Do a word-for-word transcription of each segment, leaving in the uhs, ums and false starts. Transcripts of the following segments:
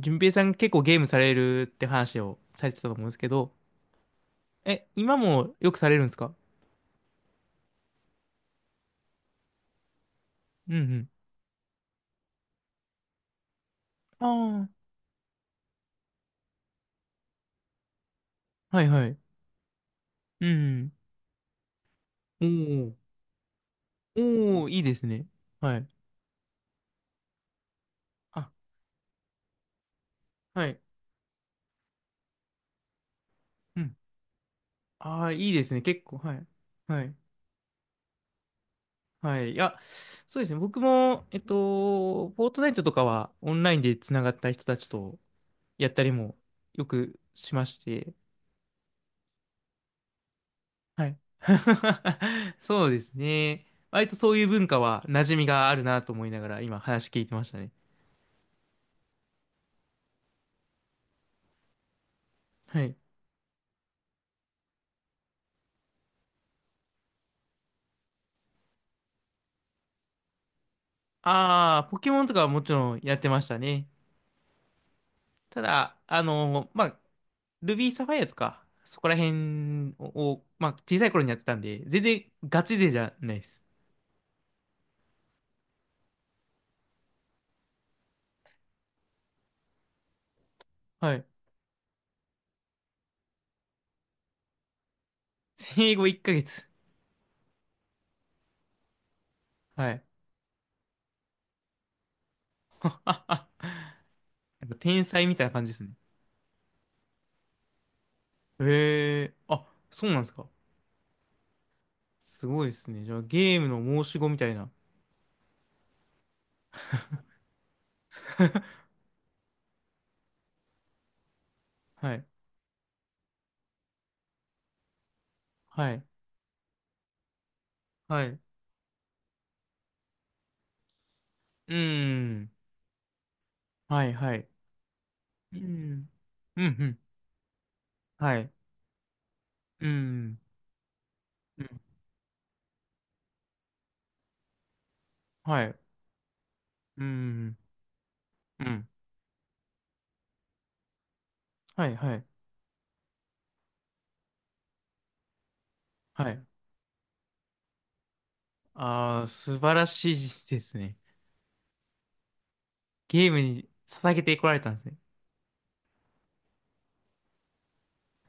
順平さん結構ゲームされるって話をされてたと思うんですけど、え、今もよくされるんですか。うんうん。ああ、はいはい。うんうん。おお、おお、いいですね。はい。あ、はい。うん。ああ、いいですね。結構、はい。はい。はい。いや、そうですね。僕も、えっと、フォートナイトとかはオンラインでつながった人たちとやったりもよくしまして、はい。そうですね。割とそういう文化は馴染みがあるなと思いながら今話聞いてましたね。はい。ああ、ポケモンとかはもちろんやってましたね。ただ、あのまあ、ルビーサファイアとか、そこら辺を、まあ、小さい頃にやってたんで、全然ガチ勢じゃないです。はい。生後いっかげつ。はい。なんか天才みたいな感じですね。へえ、あ、そうなんですか。すごいですね。じゃあゲームの申し子みたいな。はい。はい。はい。うーん。はいはい。うーん。うんうん。はい。うーん。うん。はい。うーん。うん。はいはい。はい。ああ、素晴らしいですね。ゲームに捧げてこられたんですね。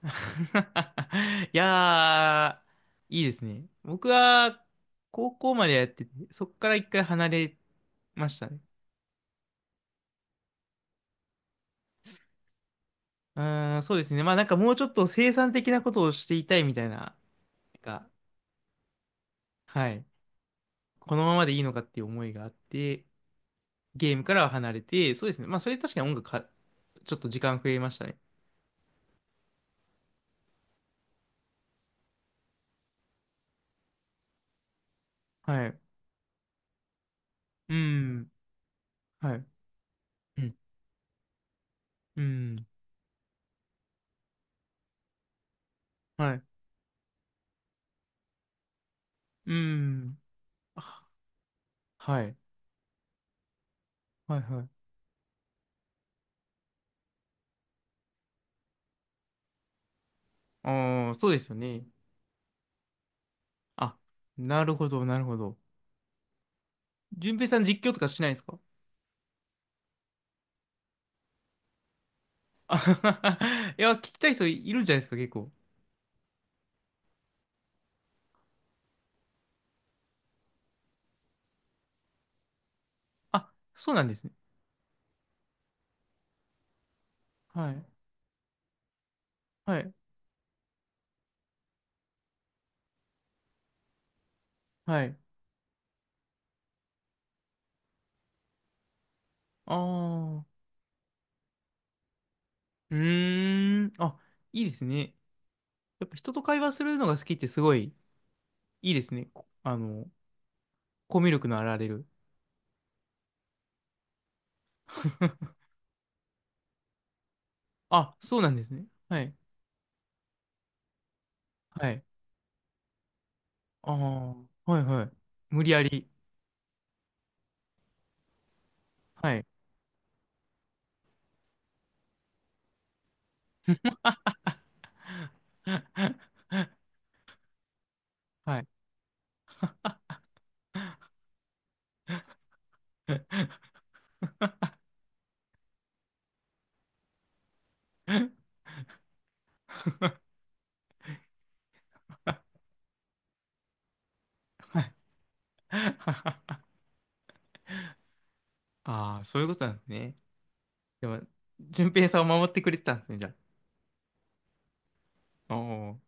いやー、いいですね。僕は高校までやってて、そっから一回離れましたね。うーん、そうですね。まあなんかもうちょっと生産的なことをしていたいみたいな、なんか、はい。このままでいいのかっていう思いがあって、ゲームからは離れて、そうですね。まあ、それ確かに音楽か、ちょっと時間増えましたね。はい。うん。はい。うん。うん。はい。うん。あ、はい。はいはい。ああ、そうですよね。あ、なるほど、なるほど。順平さん実況とかしないんですか。あははは いや、聞きたい人いるんじゃないですか、結構。あ、そうなんですね。はい。はい。はい。ああ。うーん。あ、いいですね。やっぱ人と会話するのが好きってすごいいいですね。こあの、コミュ力のあられる。あ、そうなんですね。はい。はい。ああ、はいはい。無理やり。はい。はい。ああー、そういうことなんですね。でも、順平さんを守ってくれてたんですね、じゃあ。おお、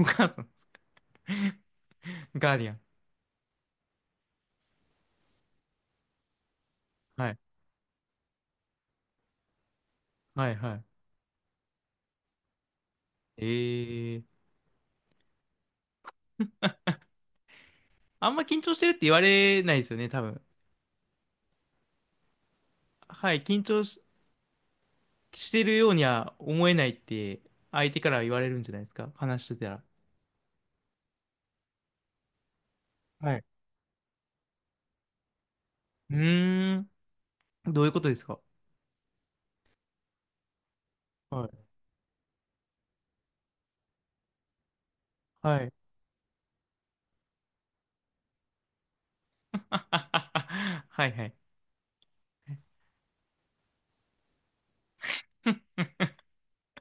お母さん。ガーディアン。はい。はいはい。ええー、あんま緊張してるって言われないですよね、多分。はい、緊張し、してるようには思えないって相手から言われるんじゃないですか、話してたら。はい。うーん、どういうことですか。はい。はい。はいはい。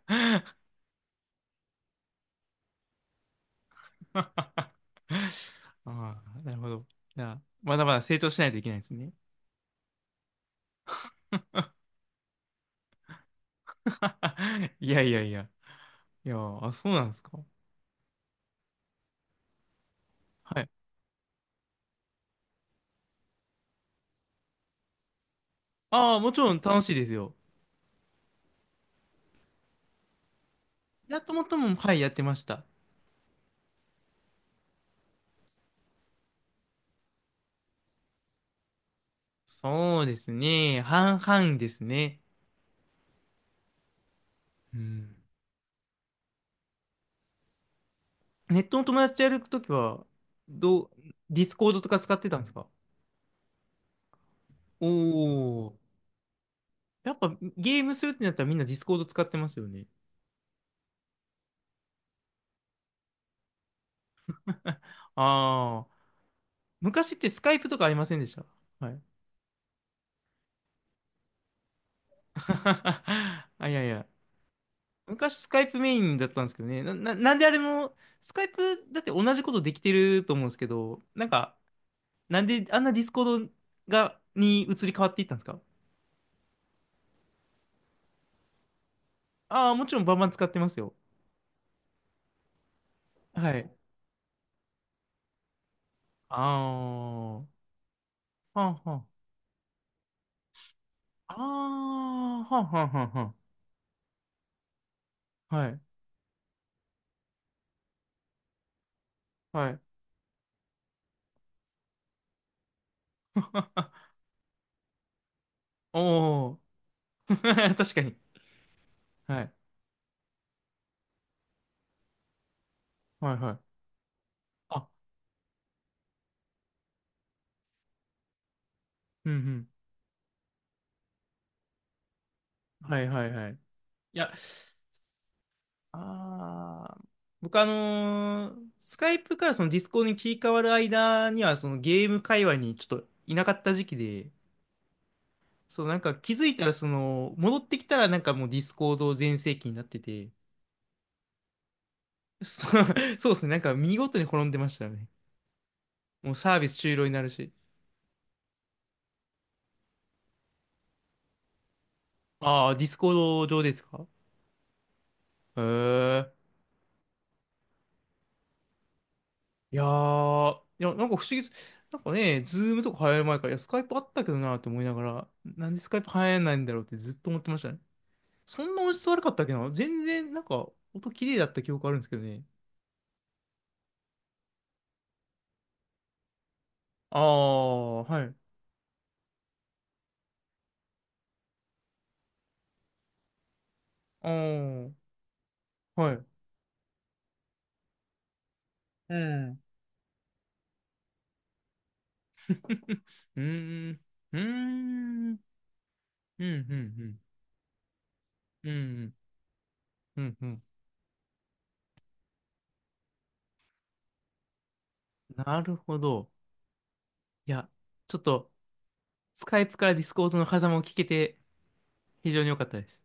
ああ、なるほど。じゃあ、まだまだ成長しないといけないですね。いやいやいや。いや、あ、そうなんですか。はい。ああ、もちろん楽しいですよ。やっともっとも、はい、やってました。そうですね。半々ですね。うん。ネットの友達とやるときは、どう、ディスコードとか使ってたんですか。おおー。やっぱゲームするってなったらみんなディスコード使ってますよね。ああ。昔ってスカイプとかありませんでした。はい。あ、いやいや。昔スカイプメインだったんですけどね。な、な、なんであれも、スカイプだって同じことできてると思うんですけど、なんか、なんであんなディスコードが、に移り変わっていったんですか。ああー、もちろんバンバン使ってますよ。はい。ああ。はあはあはあ、あはんはんはんはん。はい、はい。おお、確かに。はい、はい、はい。あ、うん、うん。はい、はい、はい。いや、あー、僕あのースカイプからそのディスコードに切り替わる間には、そのゲーム界隈にちょっといなかった時期で、そう、なんか気づいたら、その、戻ってきたらなんかもうディスコード全盛期になってて、そう、そうですね、なんか見事に転んでましたね。もうサービス終了になるし。ああ、ディスコード上ですか。へえ。いやー、いや、なんか不思議です。なんかね、ズームとか流行る前から、いや、スカイプあったけどなって思いながら、なんでスカイプ流行らないんだろうってずっと思ってましたね。そんな音質悪かったっけな全然、なんか、音綺麗だった記憶あるんですけどね。ああ、はい。ああ、はい。うん。うーん。うーん。うん、うん、うん。うん、うん、うん。んなるほど。いや、ちょっと、スカイプからディスコードの狭間を聞けて、非常に良かったです。